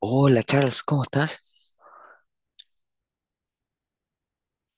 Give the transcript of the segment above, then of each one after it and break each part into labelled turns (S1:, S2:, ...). S1: Hola Charles, ¿cómo estás?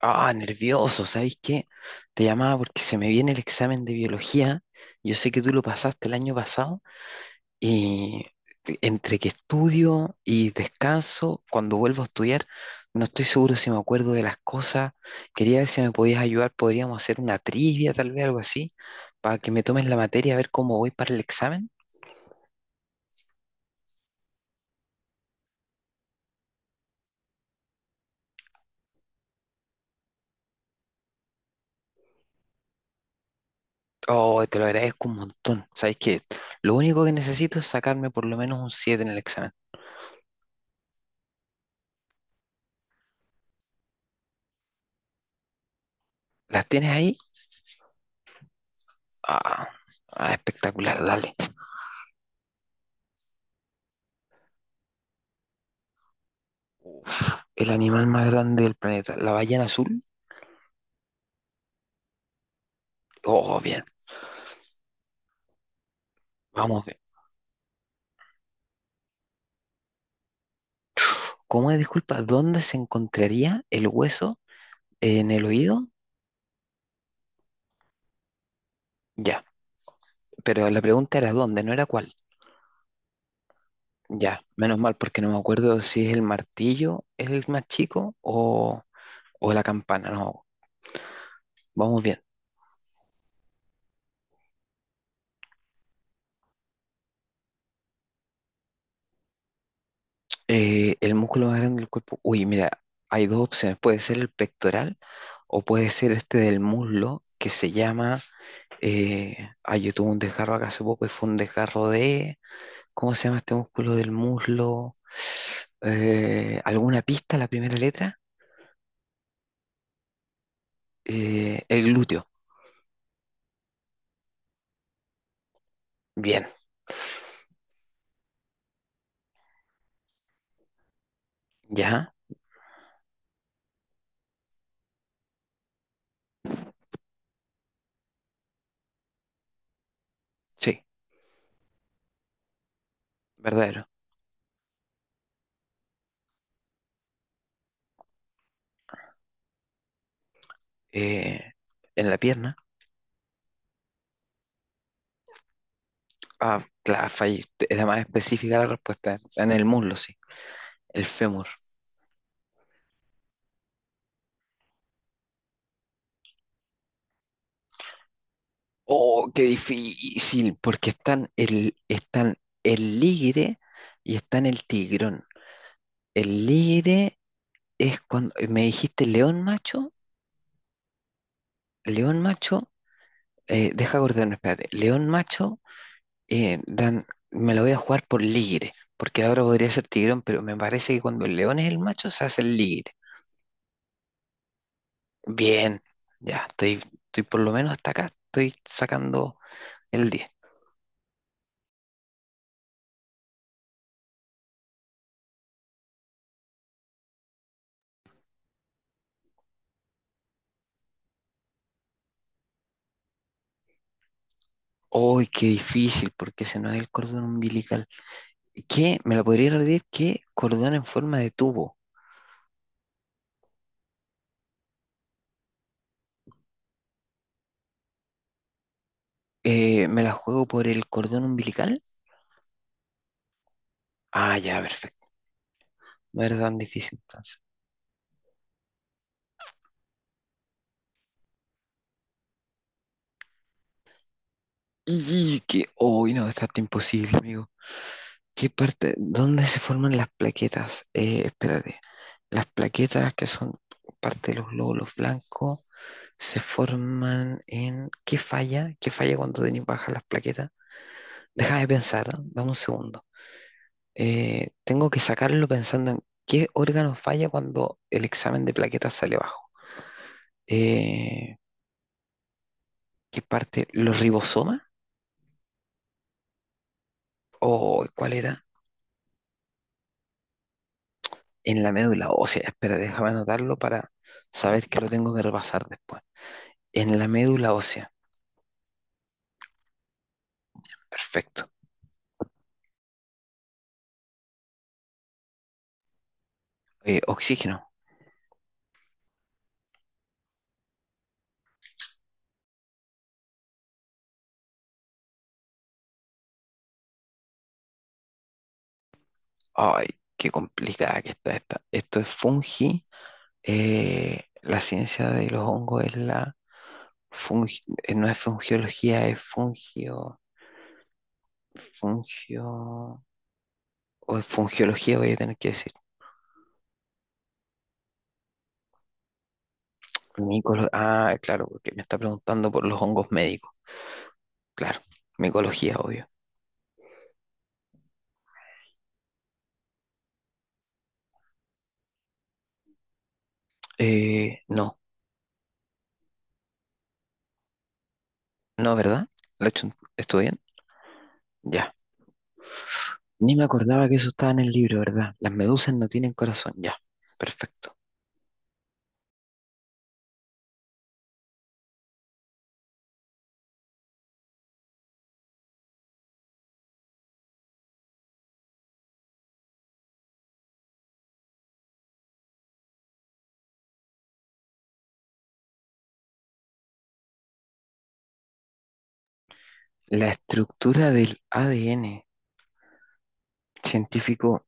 S1: Ah, nervioso, ¿sabes qué? Te llamaba porque se me viene el examen de biología. Yo sé que tú lo pasaste el año pasado y entre que estudio y descanso, cuando vuelvo a estudiar, no estoy seguro si me acuerdo de las cosas. Quería ver si me podías ayudar, podríamos hacer una trivia, tal vez algo así, para que me tomes la materia, a ver cómo voy para el examen. Oh, te lo agradezco un montón. ¿Sabes qué? Lo único que necesito es sacarme por lo menos un 7 en el examen. ¿Las tienes ahí? Ah, ah, espectacular, dale. El animal más grande del planeta, la ballena azul. Oh, bien, vamos bien. ¿Cómo es, disculpa, dónde se encontraría el hueso en el oído? Ya, pero la pregunta era dónde, no era cuál. Ya, menos mal, porque no me acuerdo si es el martillo, es el más chico o la campana, no. Vamos bien. El músculo más grande del cuerpo. Uy, mira, hay dos opciones. Puede ser el pectoral o puede ser este del muslo que se llama. Eh, yo tuve un desgarro acá hace poco y fue un desgarro de. ¿Cómo se llama este músculo del muslo? ¿Alguna pista? La primera letra. El glúteo. Bien, ya. Sí, verdadero. Eh, en la pierna. Ah, claro, fallé. Era más específica la respuesta. En el muslo, sí. El fémur. Oh, qué difícil, porque están el ligre y están el tigrón. El ligre es cuando, me dijiste león macho, deja acordarme, espérate, león macho, eh, dan, me lo voy a jugar por ligre, porque ahora podría ser tigrón, pero me parece que cuando el león es el macho se hace el ligre. Bien, ya, estoy por lo menos hasta acá, estoy sacando el 10. ¡Uy, qué difícil! Porque ese no es el cordón umbilical. ¿Qué? ¿Me la podría repetir? ¿Qué cordón en forma de tubo? ¿Me la juego por el cordón umbilical? Ah, ya, perfecto. No era tan difícil entonces. Y que, hoy no, está hasta imposible, amigo. ¿Qué parte? ¿Dónde se forman las plaquetas? Espérate. Las plaquetas que son parte de los glóbulos blancos se forman en. ¿Qué falla? ¿Qué falla cuando tenéis bajas las plaquetas? Déjame pensar, ¿eh? Dame un segundo. Tengo que sacarlo pensando en qué órgano falla cuando el examen de plaquetas sale bajo. Eh, ¿Qué parte? ¿Los ribosomas? ¿O cuál era? En la médula ósea. Espera, déjame anotarlo para saber que lo tengo que repasar después. En la médula ósea. Perfecto. Oxígeno. Ay, qué complicada que está esta. Esto es fungi. La ciencia de los hongos es la fungi, no es fungiología, es fungio, fungio. O es fungiología, voy a tener que decir. Ah, claro, porque me está preguntando por los hongos médicos. Claro, micología, obvio. No, no, ¿verdad? ¿Lo he hecho- ¿Estuvo bien? Ya. Ni me acordaba que eso estaba en el libro, ¿verdad? Las medusas no tienen corazón, ya. Perfecto. La estructura del ADN, científico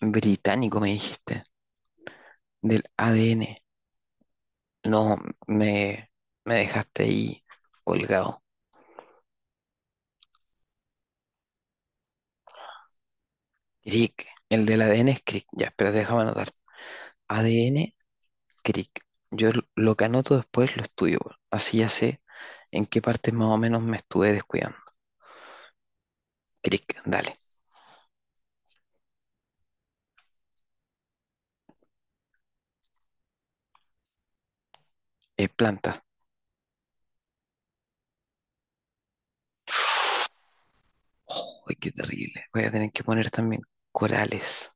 S1: británico, me dijiste, del ADN. No, me, me dejaste ahí colgado. Crick. El del ADN es Crick. Ya, espera, déjame anotar. ADN, Crick. Yo lo que anoto después lo estudio. Weón. Así ya sé en qué partes más o menos me estuve descuidando. Crick, dale. Plantas. Oh, qué terrible. Voy a tener que poner también corales.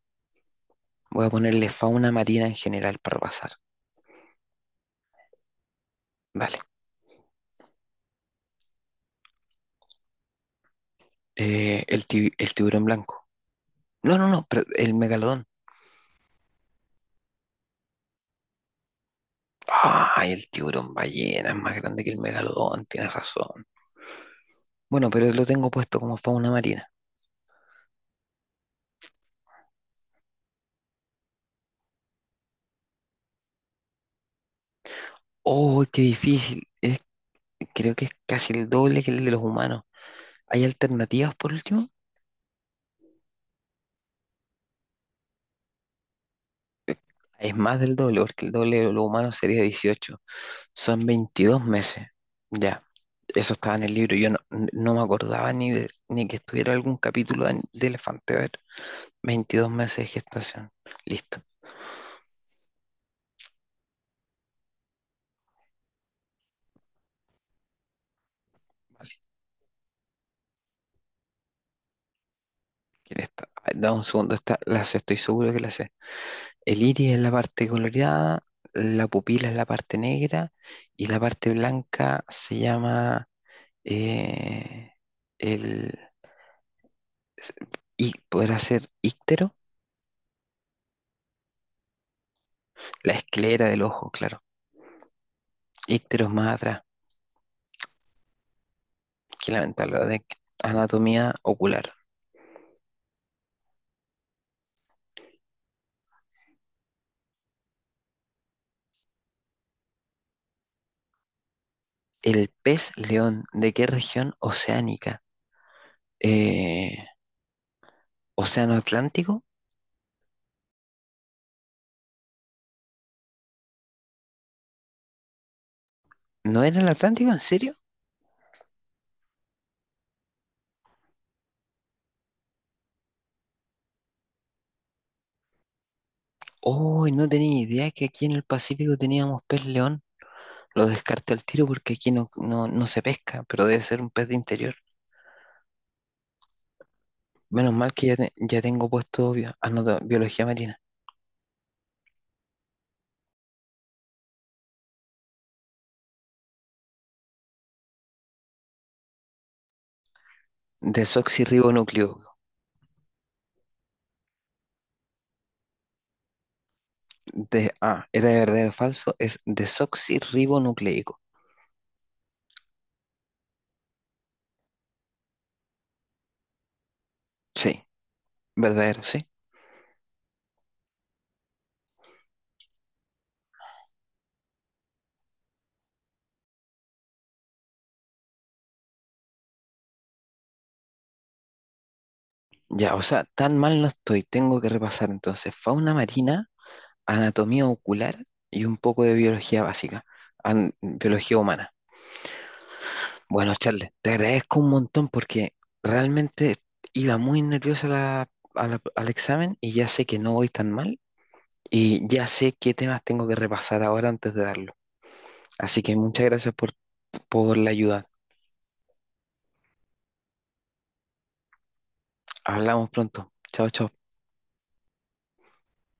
S1: Voy a ponerle fauna marina en general para pasar. Dale. El tiburón blanco. No, no, no, pero el megalodón. Ay, el tiburón ballena es más grande que el megalodón, tienes razón. Bueno, pero lo tengo puesto como fauna marina. Oh, qué difícil. Creo que es casi el doble que el de los humanos. ¿Hay alternativas por último? Es más del doble, porque el doble de los humanos sería 18. Son 22 meses. Ya, eso estaba en el libro. Yo no, no me acordaba ni, ni que estuviera algún capítulo de, Elefante. A ver, 22 meses de gestación. Listo. Quién está. Ay, da un segundo. Está la sé, estoy seguro que la sé. El iris es la parte coloreada, la pupila es la parte negra y la parte blanca se llama eh, el, s- y podrá ser íctero, la esclera del ojo, claro. Íctero es más atrás, que lamentarlo, de anatomía ocular. El pez león, ¿de qué región oceánica? Eh, ¿Océano Atlántico? ¿No era el Atlántico? ¿En serio? Uy, no tenía idea que aquí en el Pacífico teníamos pez león. Lo descarté al tiro porque aquí no, no, no se pesca, pero debe ser un pez de interior. Menos mal que ya, ya tengo puesto biología marina. Desoxirribonucleico. Era de verdadero o falso, es desoxirribonucleico. Sí, verdadero, sí. Ya, o sea, tan mal no estoy. Tengo que repasar entonces fauna marina, anatomía ocular y un poco de biología básica, biología humana. Bueno, Charles, te agradezco un montón porque realmente iba muy nervioso a la- al examen y ya sé que no voy tan mal y ya sé qué temas tengo que repasar ahora antes de darlo. Así que muchas gracias por la ayuda. Hablamos pronto. Chao, chao.